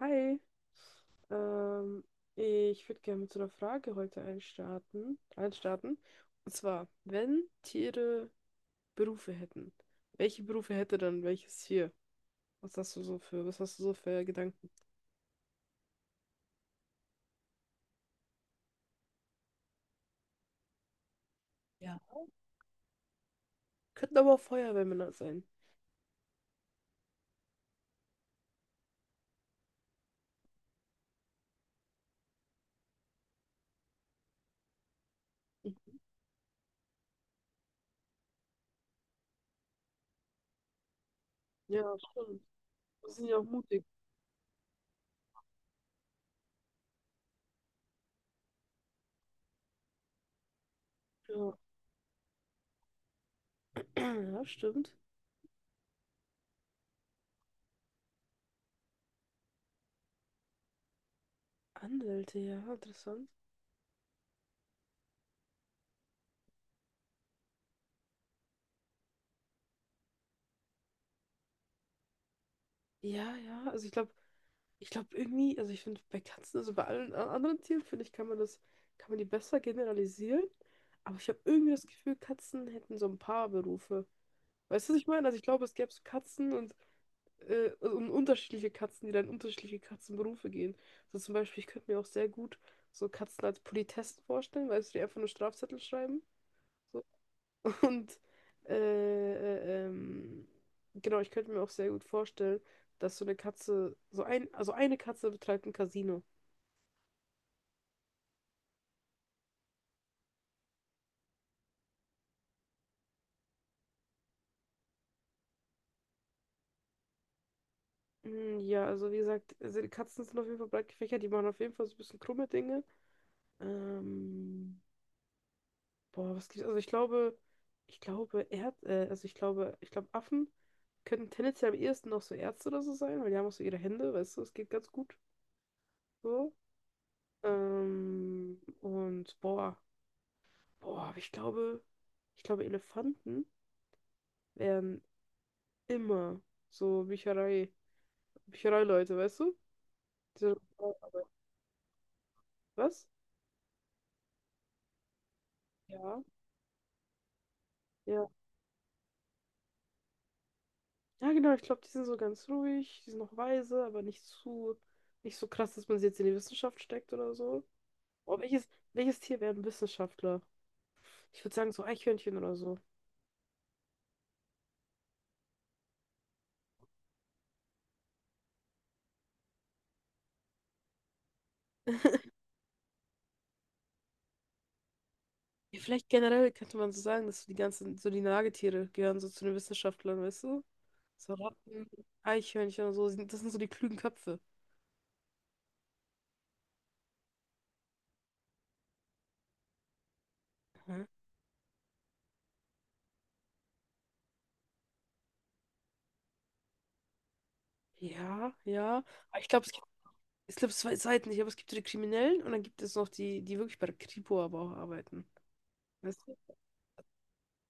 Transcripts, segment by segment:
Hi, ähm, ich würde gerne mit so einer Frage heute einstarten. Und zwar, wenn Tiere Berufe hätten, welche Berufe hätte dann welches Tier? Was hast du so für Gedanken? Könnten aber auch Feuerwehrmänner sein. Ja, stimmt. Die sind ja auch mutig. Ja, ja, stimmt. Anwälte, ja, interessant. Ja, ja, also ich glaube, irgendwie, also ich finde bei Katzen, also bei allen anderen Tieren, finde ich, kann man die besser generalisieren. Aber ich habe irgendwie das Gefühl, Katzen hätten so ein paar Berufe. Weißt du, was ich meine? Also ich glaube, es gäbe so Katzen also und unterschiedliche Katzen, die dann in unterschiedliche Katzenberufe gehen. So zum Beispiel, ich könnte mir auch sehr gut so Katzen als Politessen vorstellen, weißt du, die einfach nur Strafzettel schreiben. So. Und äh, äh, ähm, genau, ich könnte mir auch sehr gut vorstellen, dass so eine Katze, so ein, also eine Katze betreibt ein Casino. Ja, also wie gesagt, also die Katzen sind auf jeden Fall breit gefächert, die machen auf jeden Fall so ein bisschen krumme Dinge. Ähm, boah, was gibt's? Also ich glaube, Erd, also ich glaube, Affen könnten tendenziell am ehesten noch so Ärzte oder so sein, weil die haben auch so ihre Hände, weißt du, es geht ganz gut so. Und boah, boah, aber ich glaube, Elefanten wären immer so Büchereileute, weißt du? Die sind- Was? Ja. Ja. Ja, genau, ich glaube, die sind so ganz ruhig, die sind noch weise, nicht so krass, dass man sie jetzt in die Wissenschaft steckt oder so. Oh, welches Tier wäre ein Wissenschaftler? Ich würde sagen, so Eichhörnchen oder so. Ja, vielleicht generell könnte man so sagen, dass so die ganzen, so die Nagetiere gehören so zu den Wissenschaftlern, weißt du? So Ratten, Eichhörnchen und so, sind- das sind so die klugen Köpfe. Mhm. Ja, ja. Aber ich glaube, es gibt zwei Seiten. Ich glaube, es gibt so die Kriminellen und dann gibt es noch die, die wirklich bei der Kripo aber auch arbeiten. Weißt du?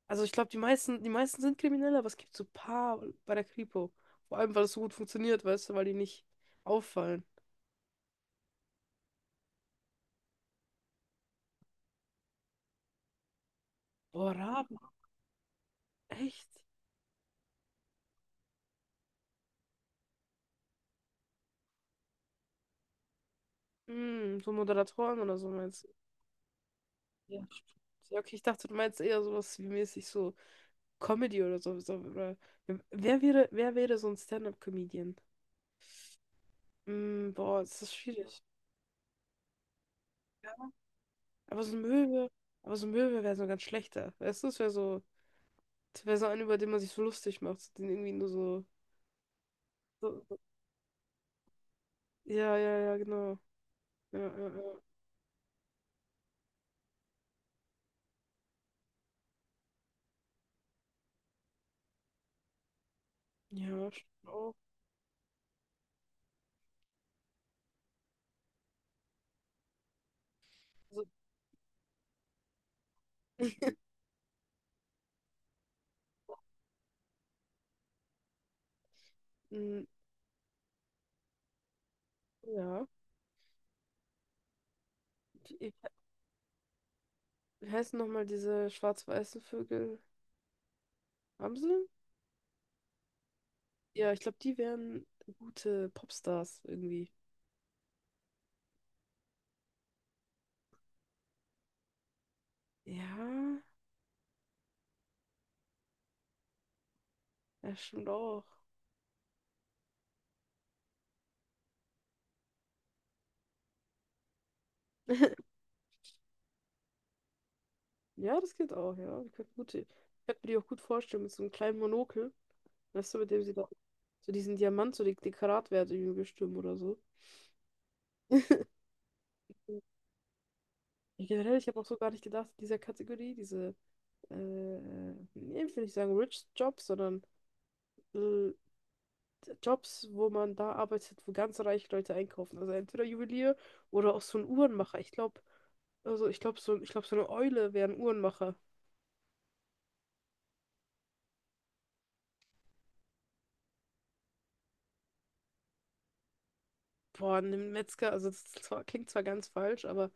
Also ich glaube, die meisten sind kriminell, aber es gibt so ein paar bei der Kripo. Vor allem, weil es so gut funktioniert, weißt du, weil die nicht auffallen. Boah, Raben, echt? Hm, so Moderatoren oder so meinst du? Ja, Ja, okay, ich dachte, du meinst eher sowas wie mäßig so Comedy oder so. Wer wäre so ein Stand-up-Comedian? Hm, boah, das ist schwierig. Aber so ein Möwe, aber so ein Möwe wäre so ein ganz schlechter. Weißt du, es wäre so ein, über den man sich so lustig macht, den irgendwie nur so, so, so. Ja, ja, ja, genau. Ja, ja, ja, Ja, stimmt auch. Also, mm, ja. Wie wie heißen nochmal diese schwarz-weißen Vögel? Amseln? Ja, ich glaube, die wären gute Popstars irgendwie. Ja, ja, stimmt auch. Ja, das geht auch, ja. Ich könnte mir die auch gut vorstellen mit so einem kleinen Monokel. Weißt du, mit dem sie da so diesen Diamant, die Karatwerte irgendwie bestimmen oder so. Ja, generell, ich habe auch so gar nicht gedacht, in dieser Kategorie, nee, ich will nicht sagen Rich Jobs, sondern äh, Jobs, wo man da arbeitet, wo ganz reiche Leute einkaufen. Also entweder Juwelier oder auch so ein Uhrenmacher. Ich glaube, also ich glaube, so, ich glaub, so eine Eule wäre ein Uhrenmacher. Boah, ein Metzger, also das ist zwar, klingt zwar ganz falsch, aber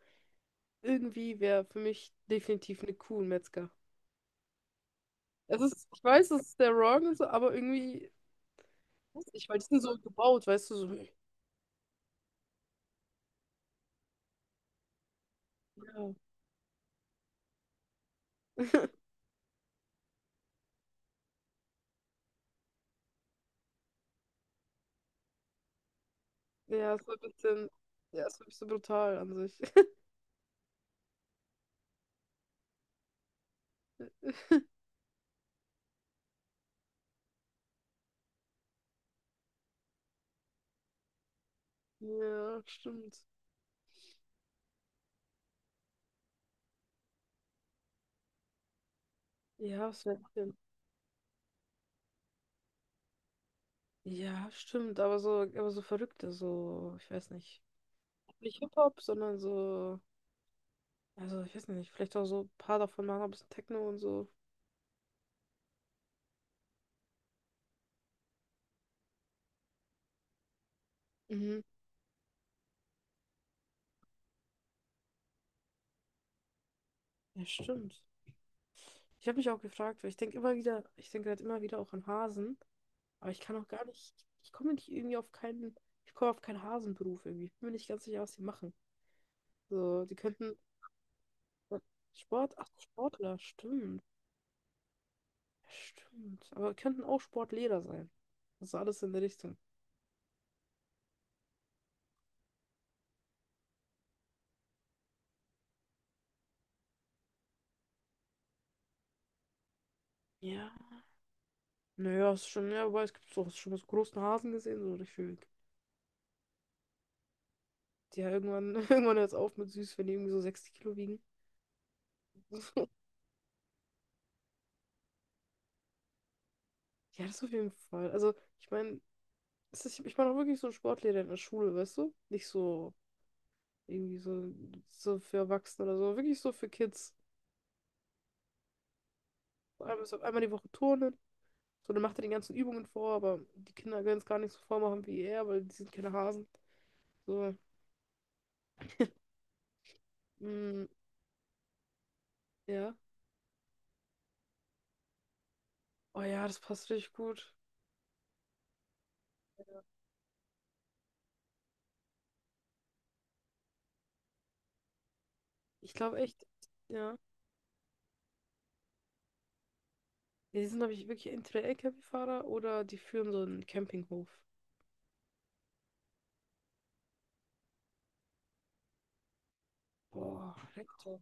irgendwie wäre für mich definitiv eine Kuh ein Metzger. Es ist, ich weiß, es ist der Wrong, so, aber irgendwie, weiß ich, weil die sind so gebaut, weißt du, so. Ja, ja, ist so ein bisschen, ja, ist wirklich so ein bisschen brutal an sich. Ja, stimmt. Ja, was wäre Ja, stimmt, aber so verrückte, so, ich weiß nicht. Nicht Hip-Hop, sondern so, also ich weiß nicht, vielleicht auch so ein paar davon machen, ein bisschen Techno und so. Mhm. Ja, stimmt. Ich habe mich auch gefragt, weil ich denke immer wieder, ich denke halt immer wieder auch an Hasen, aber ich kann auch gar nicht, ich komme nicht irgendwie auf keinen, ich komme auf keinen Hasenberuf irgendwie. Ich bin mir nicht ganz sicher, was die machen. So, die könnten Sport, ach, Sportler, stimmt. Ja, Stimmt. Aber könnten auch Sportlehrer sein. Also alles in der Richtung. Ja, Naja, ist schon, ja, wobei es gibt so, hast du schon mal so großen Hasen gesehen, so gefühlt. Die ja irgendwann, irgendwann hört es auf mit süß, wenn die irgendwie so 60 Kilo wiegen. Ja, das auf jeden Fall. Also, ich meine, ich meine auch wirklich so einen Sportlehrer in der Schule, weißt du? Nicht so irgendwie so, so für Erwachsene oder so, wirklich so für Kids. So, einmal die Woche turnen. So, dann macht er die ganzen Übungen vor, aber die Kinder können es gar nicht so vormachen wie er, weil die sind keine Hasen. So, mm, ja. Oh ja, das passt richtig gut. Ich glaube echt, ja. Ja, Die sind, glaube ich, wirklich entweder LKW-Fahrer oder die führen so einen Campinghof. Boah, Rektor.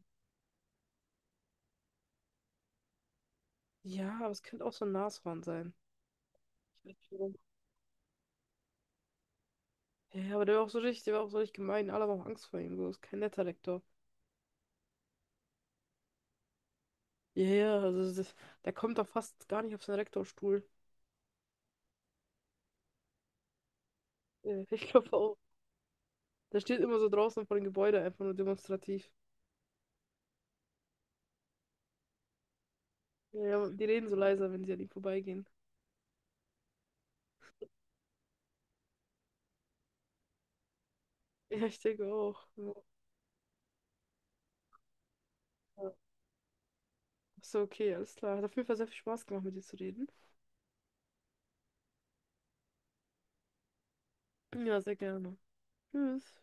Ja, aber es könnte auch so ein Nashorn sein. Ich weiß nicht warum. Der war auch so richtig gemein. Alle haben auch Angst vor ihm. So, ist kein netter Rektor. Ja, ja, also das, der kommt doch fast gar nicht auf seinen Rektorstuhl. Ja, Ich glaube auch. Der steht immer so draußen vor dem Gebäude, einfach nur demonstrativ. Ja, ja, die reden so leiser, wenn sie an ihm vorbeigehen. Ja, ich denke auch. Ja. Ja. So, okay, alles klar. Hat auf jeden Fall sehr viel Spaß gemacht, mit dir zu reden. Ja, sehr gerne. Tschüss.